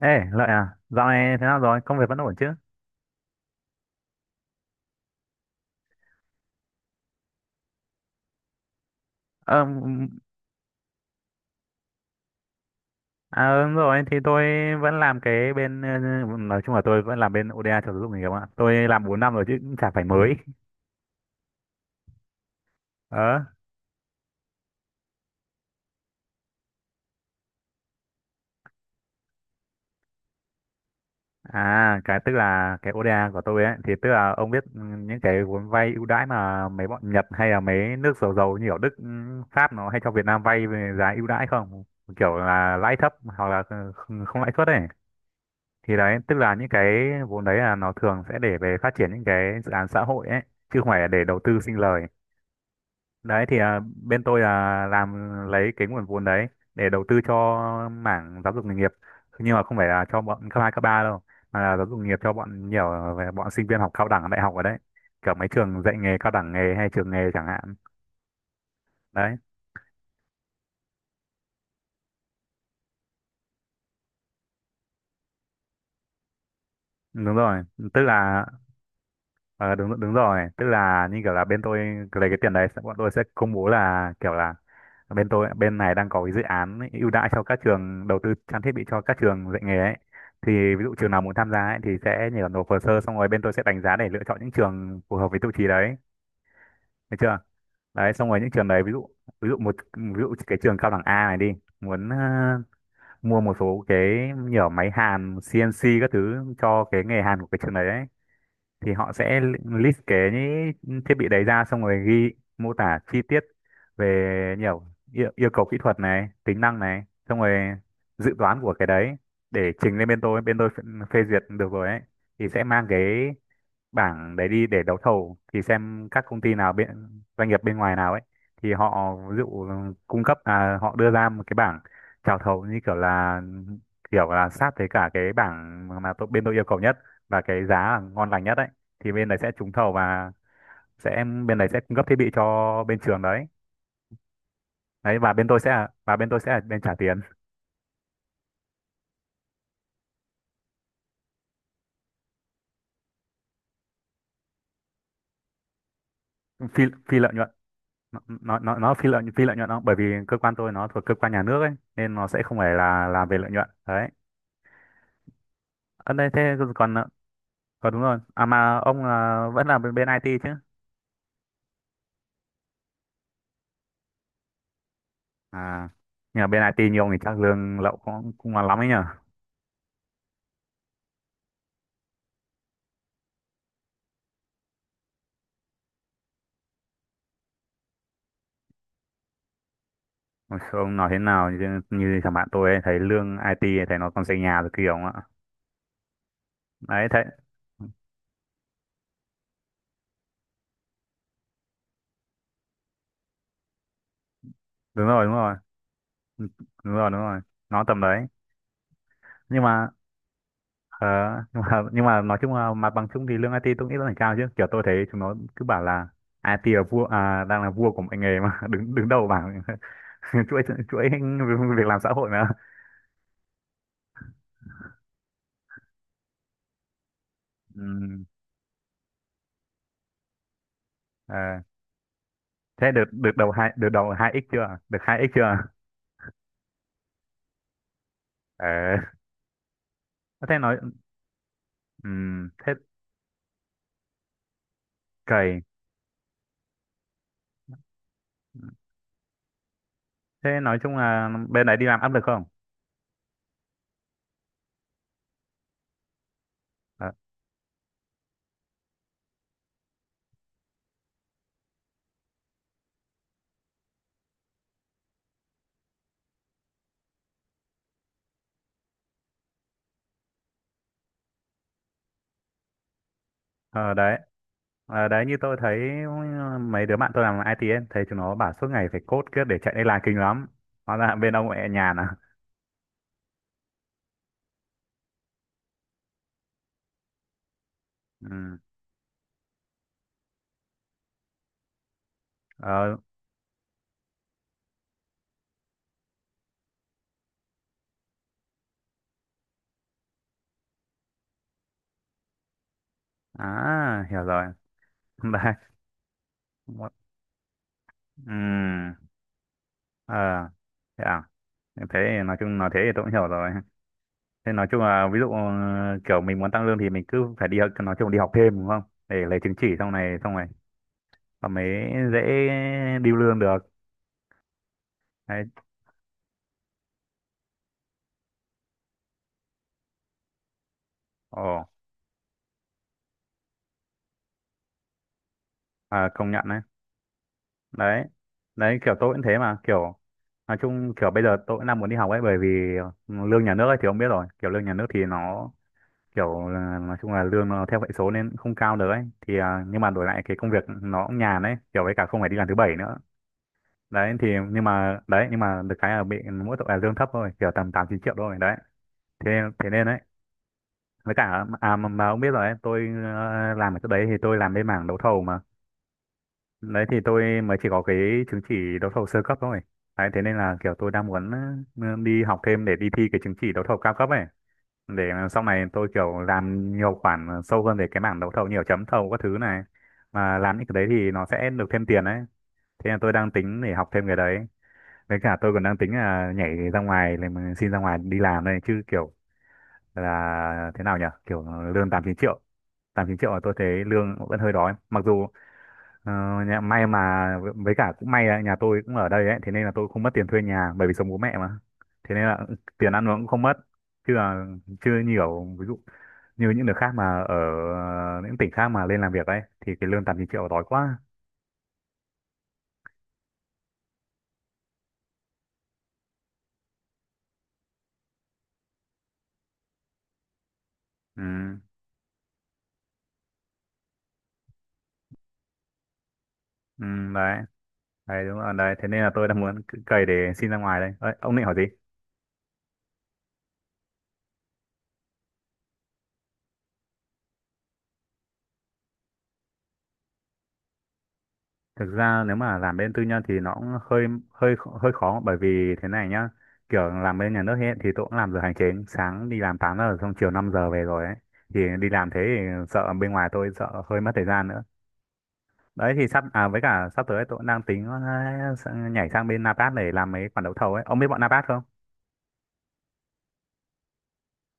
Ê, Lợi à, dạo này thế nào rồi? Công việc vẫn ổn chứ? Ờ, à, đúng rồi, thì tôi vẫn làm cái bên, ờ, nói chung là tôi vẫn làm bên ODA cho giáo dục nghề nghiệp ạ. Tôi làm 4 năm rồi chứ cũng chả phải mới. Ờ, à, cái tức là cái ODA của tôi ấy, thì tức là ông biết những cái vốn vay ưu đãi mà mấy bọn Nhật hay là mấy nước giàu giàu như ở Đức, Pháp nó hay cho Việt Nam vay về giá ưu đãi không? Kiểu là lãi thấp hoặc là không không lãi suất ấy. Thì đấy tức là những cái vốn đấy là nó thường sẽ để về phát triển những cái dự án xã hội ấy chứ không phải là để đầu tư sinh lời. Đấy thì à, bên tôi là làm lấy cái nguồn vốn đấy để đầu tư cho mảng giáo dục nghề nghiệp, nhưng mà không phải là cho bọn cấp hai cấp ba đâu, mà là giáo dục nghề nghiệp cho bọn nhiều về bọn sinh viên học cao đẳng đại học ở đấy, kiểu mấy trường dạy nghề cao đẳng nghề hay trường nghề chẳng hạn. Đấy đúng rồi, tức là Ờ đúng đúng rồi, tức là như kiểu là bên tôi lấy cái tiền đấy sẽ- bọn tôi sẽ công bố là kiểu là bên tôi bên này đang có cái dự án ấy, ưu đãi cho các trường đầu tư trang thiết bị cho các trường dạy nghề ấy. Thì ví dụ trường nào muốn tham gia ấy, thì sẽ nhờ nộp hồ sơ xong rồi bên tôi sẽ đánh giá để lựa chọn những trường phù hợp với tiêu chí đấy, được chưa? Đấy xong rồi những trường đấy ví dụ một ví dụ cái trường cao đẳng A này đi, muốn ờ, mua một số cái nhiều máy hàn CNC các thứ cho cái nghề hàn của cái trường đấy thì họ sẽ list cái những thiết bị đấy ra xong rồi ghi mô tả chi tiết về nhiều yêu cầu kỹ thuật này tính năng này, xong rồi dự toán của cái đấy để trình lên bên tôi, bên tôi phê phê duyệt được rồi ấy thì sẽ mang cái bảng đấy đi để đấu thầu, thì xem các công ty nào bên doanh nghiệp bên ngoài nào ấy thì họ ví dụ cung cấp là họ đưa ra một cái bảng chào thầu như kiểu là sát với cả cái bảng mà tôi, bên tôi yêu cầu nhất và cái giá là ngon lành nhất ấy, thì bên đấy sẽ trúng thầu và sẽ bên đấy sẽ cung cấp thiết bị cho bên trường đấy. Đấy và bên tôi sẽ là- và bên tôi sẽ là bên trả tiền. phi phi lợi nhuận. Nó phi lợi nhuận không, bởi vì cơ quan tôi nó thuộc cơ quan nhà nước ấy nên nó sẽ không phải là làm về lợi nhuận đấy. Ở đây thế còn còn đúng rồi, à mà ông là vẫn là bên, bên IT chứ? À nhờ bên IT nhiều thì chắc lương lậu cũng cũng là lắm ấy nhờ. Ôi, ông nói thế nào như, như thằng bạn tôi ấy, thấy lương IT ấy, thấy nó còn xây nhà rồi kiểu ạ. Đấy thấy đúng rồi đúng rồi đúng rồi đúng rồi nó tầm đấy. Nhưng mà ờ, nhưng mà nói chung là mặt bằng chung thì lương IT tôi nghĩ là phải cao chứ, kiểu tôi thấy chúng nó cứ bảo là IT là vua à, đang là vua của mọi nghề mà đứng đứng đầu bảng chuỗi chuỗi việc làm xã hội mà. Ừ, ờ. Thế được được đầu hai, đầu hai x chưa? Được hai x chưa? Ờ. Thế nói ừ thế cày. Thế nói chung là bên đấy đi làm áp lực không? Ờ, ờ, đấy. Ờ, đấy như tôi thấy mấy đứa bạn tôi làm IT ấy, thấy chúng nó bảo suốt ngày phải code kiếp để chạy deadline kinh lắm. Hóa ra bên ông mẹ nhàn à? Ừ. Ờ, à hiểu rồi. Đấy. Ừ. Ờ. Thế à? Thế thì nói chung nói thế thì tôi cũng hiểu rồi. Thế nói chung là ví dụ ờ, kiểu mình muốn tăng lương thì mình cứ phải đi học- nói chung là đi học thêm đúng không? Để lấy chứng chỉ xong này và mới dễ điêu lương được. Đấy. Ồ, à, công nhận đấy. Đấy. Đấy kiểu tôi cũng thế mà, kiểu nói chung kiểu bây giờ tôi cũng đang muốn đi học ấy, bởi vì lương nhà nước ấy thì ông biết rồi, kiểu lương nhà nước thì nó kiểu là- nói chung là lương nó theo hệ số nên cũng không cao được ấy. Thì à, nhưng mà đổi lại cái công việc nó cũng nhàn ấy, kiểu với cả không phải đi làm thứ bảy nữa. Đấy thì nhưng mà đấy nhưng mà được cái là bị mỗi tội là lương thấp thôi, kiểu tầm tám chín triệu thôi đấy, thế thế nên đấy với cả à mà ông biết rồi đấy, tôi ờ, làm ở chỗ đấy thì tôi làm bên mảng đấu thầu mà. Đấy thì tôi mới chỉ có cái chứng chỉ đấu thầu sơ cấp thôi. Đấy thế nên là kiểu tôi đang muốn ờ, đi học thêm để đi thi cái chứng chỉ đấu thầu cao cấp ấy, để sau này tôi kiểu làm nhiều khoản sâu hơn về cái mảng đấu thầu, nhiều chấm thầu các thứ này, mà làm những cái đấy thì nó sẽ được thêm tiền đấy. Thế là tôi đang tính để học thêm cái đấy. Với cả tôi còn đang tính là nhảy ra ngoài làm- xin ra ngoài đi làm đây chứ kiểu là thế nào nhỉ? Kiểu lương 8 9 triệu. 8 9 triệu là tôi thấy lương vẫn hơi đói. Mặc dù ờ, nhà, may mà với cả cũng may là nhà tôi cũng ở đây ấy, thế nên là tôi không mất tiền thuê nhà bởi vì sống bố mẹ mà. Thế nên là tiền ăn uống cũng không mất. Chứ là chưa nhiều ví dụ như những nước khác mà ở những tỉnh khác mà lên làm việc ấy thì cái lương 8 9 triệu đói quá. Ừ, ừ, đấy. Đấy đúng rồi, đấy thế nên là tôi đang muốn cày để xin ra ngoài đây. Ơi, ông định hỏi gì? Thực ra nếu mà làm bên tư nhân thì nó cũng hơi hơi hơi khó, bởi vì thế này nhá. Kiểu làm bên nhà nước hiện thì tôi cũng làm giờ hành chính, sáng đi làm 8 giờ xong chiều 5 giờ về rồi ấy. Thì đi làm thế thì sợ bên ngoài tôi sợ hơi mất thời gian nữa. Đấy thì sắp à với cả sắp tới tôi cũng đang tính ờ, sang- nhảy sang bên Napat để làm mấy khoản đấu thầu ấy. Ông biết bọn Napat không?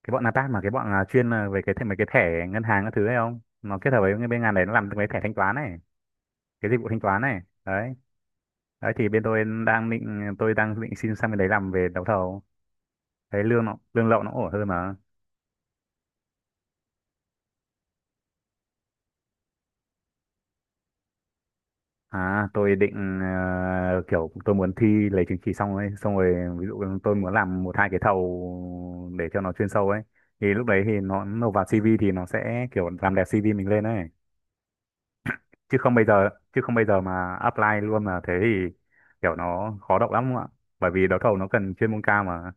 Cái bọn Napat mà cái bọn à, chuyên à, về cái thẻ- mấy cái thẻ ngân hàng các thứ ấy không? Nó kết hợp với bên ngành đấy nó làm mấy thẻ thanh toán ấy. Cái dịch vụ thanh toán này đấy, đấy thì bên tôi đang định xin sang bên đấy làm về đấu thầu, thấy lương nó lương lậu nó ổn hơn mà. À tôi định ờ, kiểu tôi muốn thi lấy chứng chỉ xong ấy, xong rồi ví dụ tôi muốn làm một hai cái thầu để cho nó chuyên sâu ấy, thì lúc đấy thì nó nộp vào CV thì nó sẽ kiểu làm đẹp CV mình lên ấy. Chứ không bây giờ mà apply luôn là thế thì kiểu nó khó đậu lắm ạ, bởi vì đấu thầu nó cần chuyên môn cao mà.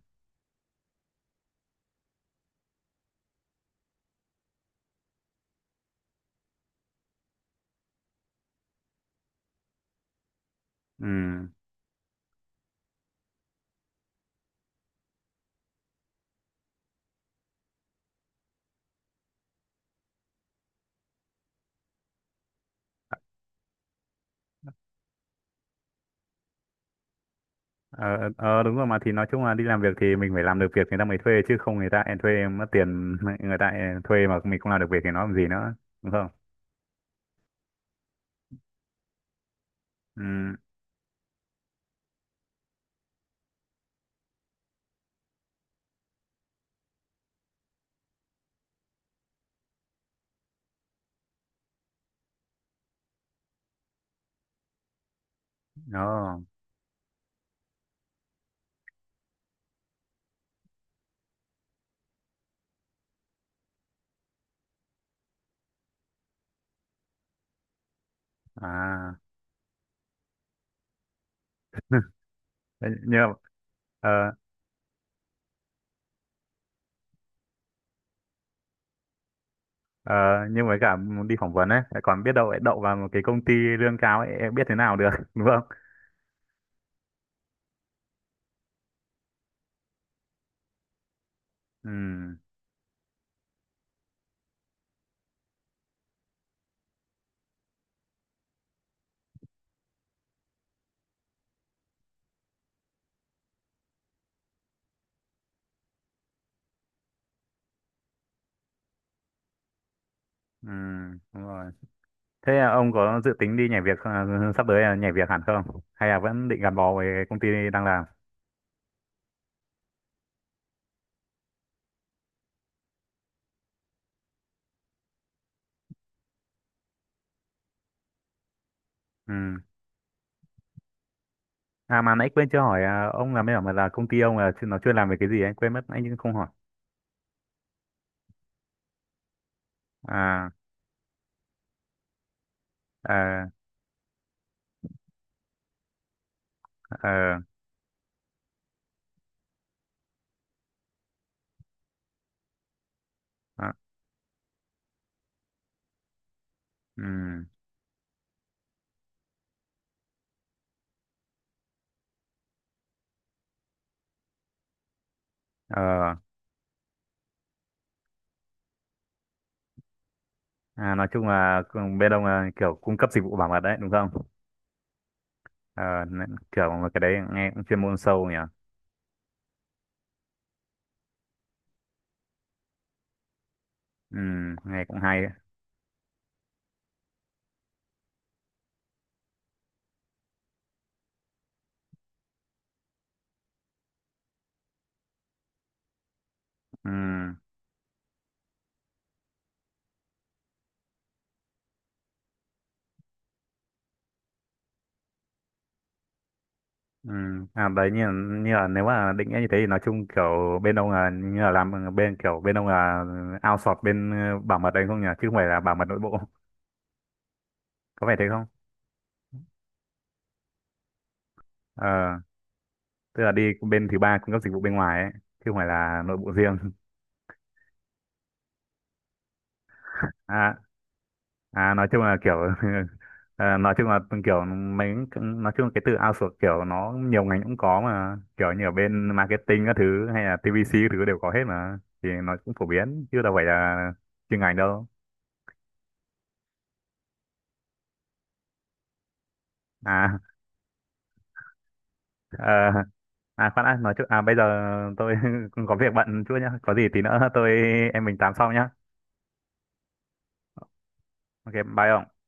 Ừ ờ ờ, đúng rồi mà thì nói chung là đi làm việc thì mình phải làm được việc người ta mới thuê, chứ không người ta em thuê em mất tiền người ta thuê mà mình không làm được việc thì nó làm gì nữa, đúng không? Ừ đó à thế nhưng mà- ờ ờ nhưng với cả đi phỏng vấn ấy lại còn biết đâu lại đậu vào một cái công ty lương cao ấy, em biết thế nào được đúng không? Ừ ừ đúng rồi. Thế là ông có dự tính đi nhảy việc ờ, sắp tới là nhảy việc hẳn không, hay là vẫn định gắn bó với công ty đang làm? Ừ. À mà nãy quên chưa hỏi à, ông làm bên ở mà là công ty ông là chuyên- nó chuyên làm về cái gì anh quên mất anh không hỏi. À à à, à, ừm, ờ, nói chung là cùng- bên ông là kiểu cung cấp dịch vụ bảo mật đấy đúng không? Ờ, n- kiểu mà cái đấy nghe cũng chuyên môn sâu nhỉ. Nghe cũng hay. Đấy. Ừm, À đấy như là nếu mà định nghĩa như thế thì nói chung kiểu bên ông là như là làm bên kiểu bên ông là outsource bên ờ, bảo mật đấy không nhỉ, chứ không phải là bảo mật nội bộ. Có phải thế không? Ờ tức là đi bên thứ ba cung cấp dịch vụ bên ngoài ấy chứ không phải là nội bộ riêng. À, à nói chung là kiểu à, nói chung là kiểu mấy nói chung là cái từ outsource kiểu nó nhiều ngành cũng có, mà kiểu như ở bên marketing các thứ hay là TVC các thứ đều có hết mà, thì nó cũng phổ biến chứ đâu phải là chuyên ngành đâu. À à, à khoan đã, nói chung à bây giờ tôi cũng có việc bận chút nhá, có gì tí nữa tôi em mình tám sau nhá. Ok bye ông.